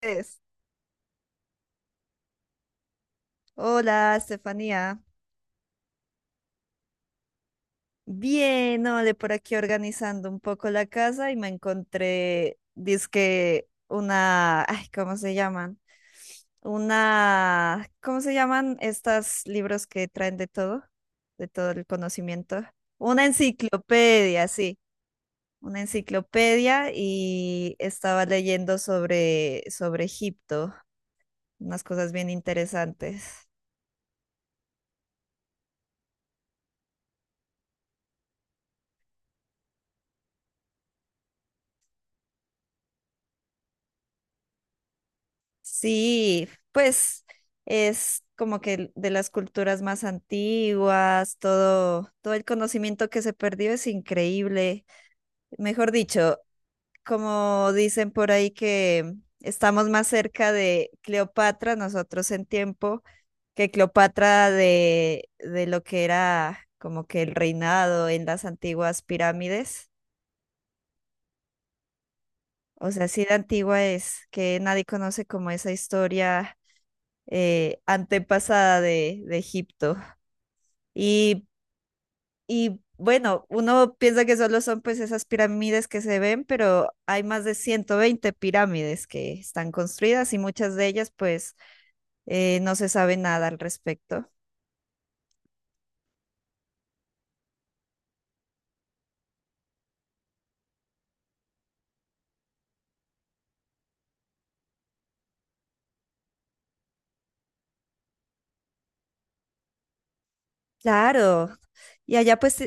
Es. Hola, Estefanía. Bien, ole, por aquí organizando un poco la casa y me encontré, dizque una, ay, ¿cómo se llaman? Una, ¿cómo se llaman estos libros que traen de todo el conocimiento? Una enciclopedia, sí, una enciclopedia y estaba leyendo sobre Egipto, unas cosas bien interesantes. Sí, pues es como que de las culturas más antiguas, todo el conocimiento que se perdió es increíble. Mejor dicho, como dicen por ahí que estamos más cerca de Cleopatra, nosotros en tiempo, que Cleopatra de lo que era como que el reinado en las antiguas pirámides. O sea, sí de antigua es, que nadie conoce como esa historia antepasada de Egipto. Y, y bueno, uno piensa que solo son pues esas pirámides que se ven, pero hay más de 120 pirámides que están construidas y muchas de ellas pues no se sabe nada al respecto. Claro. Y allá pues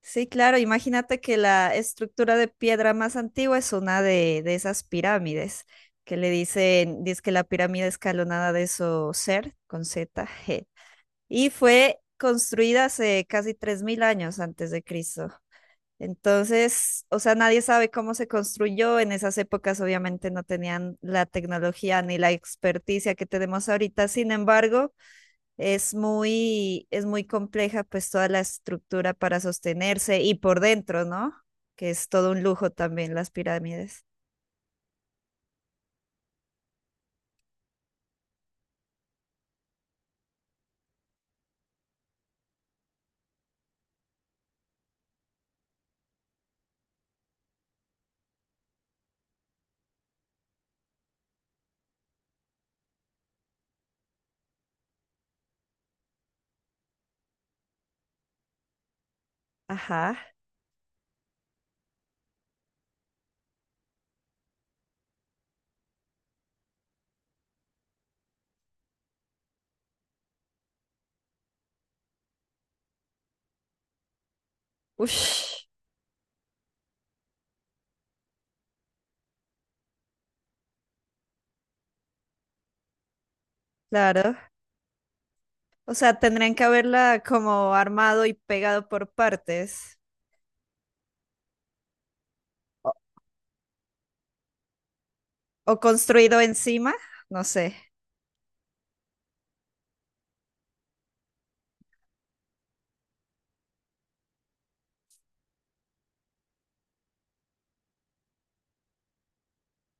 sí, claro, imagínate que la estructura de piedra más antigua es una de esas pirámides que le dicen, dice que la pirámide escalonada de Ser con Z, G, y fue construida hace casi 3000 años antes de Cristo. Entonces, o sea, nadie sabe cómo se construyó. En esas épocas obviamente no tenían la tecnología ni la experticia que tenemos ahorita. Sin embargo, es muy compleja pues toda la estructura para sostenerse y por dentro, ¿no? Que es todo un lujo también las pirámides. Ajá. Ush, claro. O sea, tendrían que haberla como armado y pegado por partes o construido encima, no sé.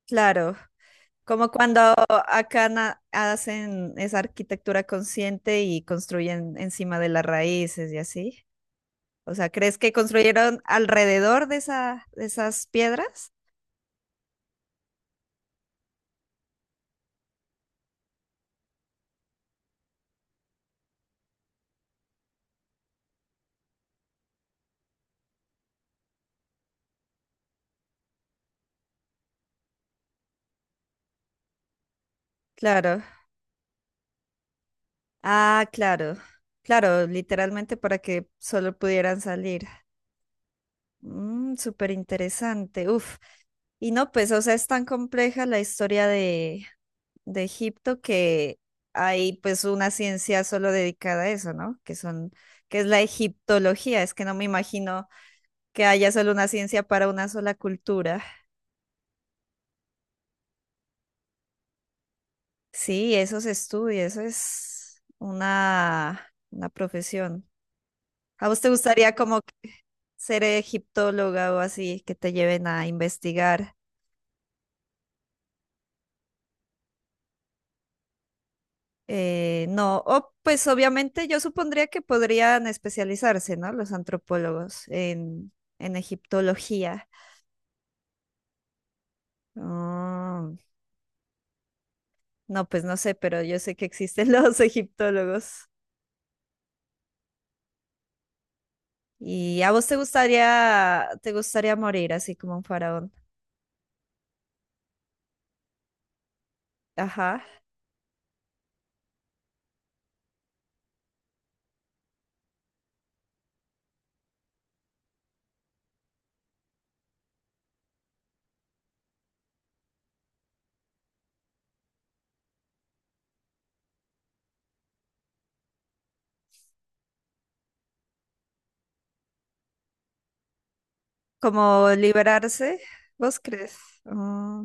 Claro. Como cuando acá na- hacen esa arquitectura consciente y construyen encima de las raíces y así. O sea, ¿crees que construyeron alrededor de esa, de esas piedras? Claro. Ah, claro. Claro, literalmente para que solo pudieran salir. Mm, súper interesante. Uf. Y no, pues, o sea, es tan compleja la historia de Egipto que hay pues una ciencia solo dedicada a eso, ¿no? Que son, que es la egiptología. Es que no me imagino que haya solo una ciencia para una sola cultura. Sí, eso se estudia, eso es una profesión. ¿A vos te gustaría como que ser egiptóloga o así, que te lleven a investigar? No, o pues obviamente yo supondría que podrían especializarse, ¿no? Los antropólogos en egiptología. Ah, no, pues no sé, pero yo sé que existen los egiptólogos. ¿Y a vos te gustaría morir así como un faraón? Ajá. Como liberarse, ¿vos crees? Ah,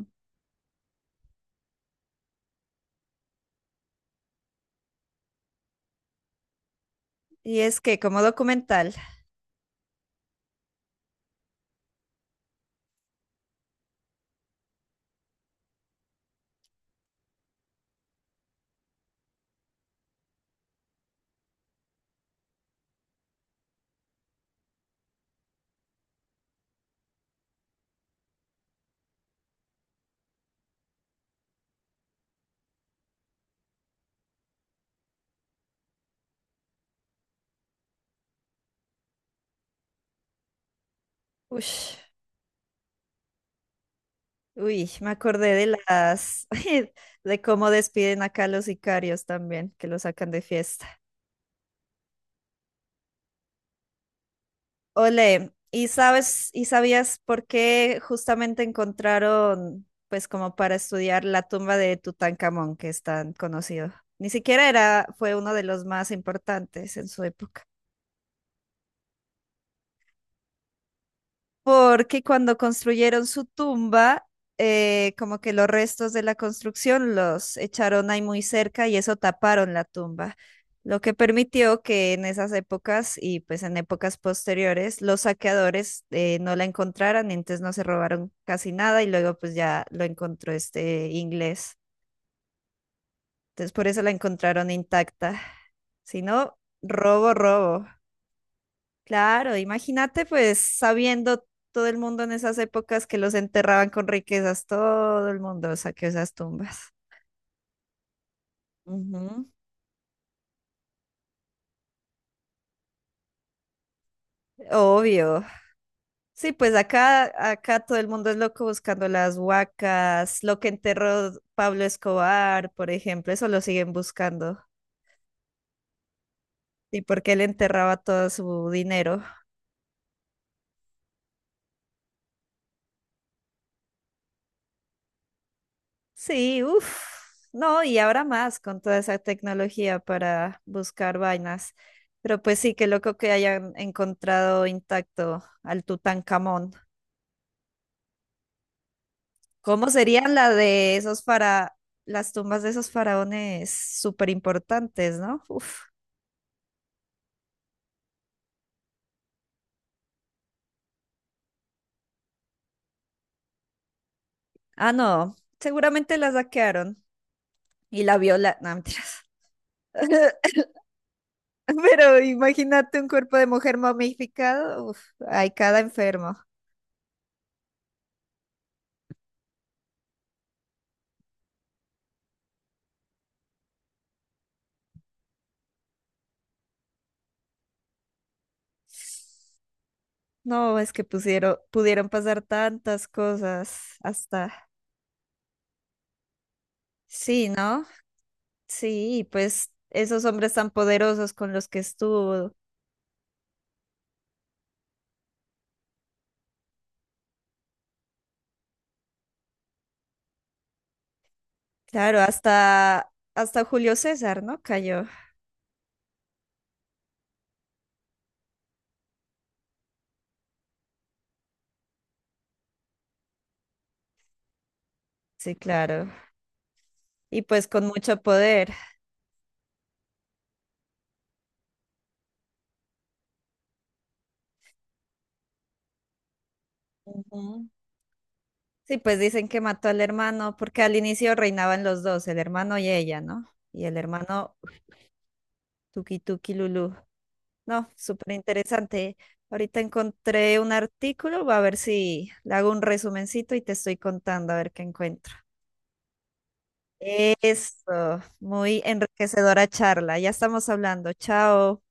y es que como documental. Ush, uy, me acordé de las de cómo despiden acá a los sicarios también, que los sacan de fiesta. Ole, ¿y sabes y sabías por qué justamente encontraron pues como para estudiar la tumba de Tutankamón, que es tan conocido? Ni siquiera era fue uno de los más importantes en su época. Porque cuando construyeron su tumba, como que los restos de la construcción los echaron ahí muy cerca y eso taparon la tumba, lo que permitió que en esas épocas y pues en épocas posteriores los saqueadores no la encontraran, entonces no se robaron casi nada y luego pues ya lo encontró este inglés. Entonces por eso la encontraron intacta. Si no, robo, robo. Claro, imagínate pues sabiendo todo el mundo en esas épocas que los enterraban con riquezas, todo el mundo saqueó esas tumbas. Ujú. Obvio. Sí, pues acá todo el mundo es loco buscando las huacas, lo que enterró Pablo Escobar, por ejemplo, eso lo siguen buscando. ¿Y porque él enterraba todo su dinero? Sí, uff, no, y ahora más con toda esa tecnología para buscar vainas. Pero pues sí, qué loco que hayan encontrado intacto al Tutankamón. ¿Cómo serían la de esos para las tumbas de esos faraones súper importantes, ¿no? Uf. Ah, no, seguramente la saquearon y la viola. No, mentiras. Pero imagínate un cuerpo de mujer momificado. Uf, hay cada enfermo. No, es que pusieron, pudieron pasar tantas cosas hasta... Sí, ¿no? Sí, pues esos hombres tan poderosos con los que estuvo. Claro, hasta Julio César, ¿no? Cayó. Sí, claro. Y pues con mucho poder. Ujú. Sí, pues dicen que mató al hermano, porque al inicio reinaban los dos, el hermano y ella, ¿no? Y el hermano Tuki Tuki Lulú. No, súper interesante. Ahorita encontré un artículo, va a ver si le hago un resumencito y te estoy contando a ver qué encuentro. Eso, muy enriquecedora charla. Ya estamos hablando. Chao.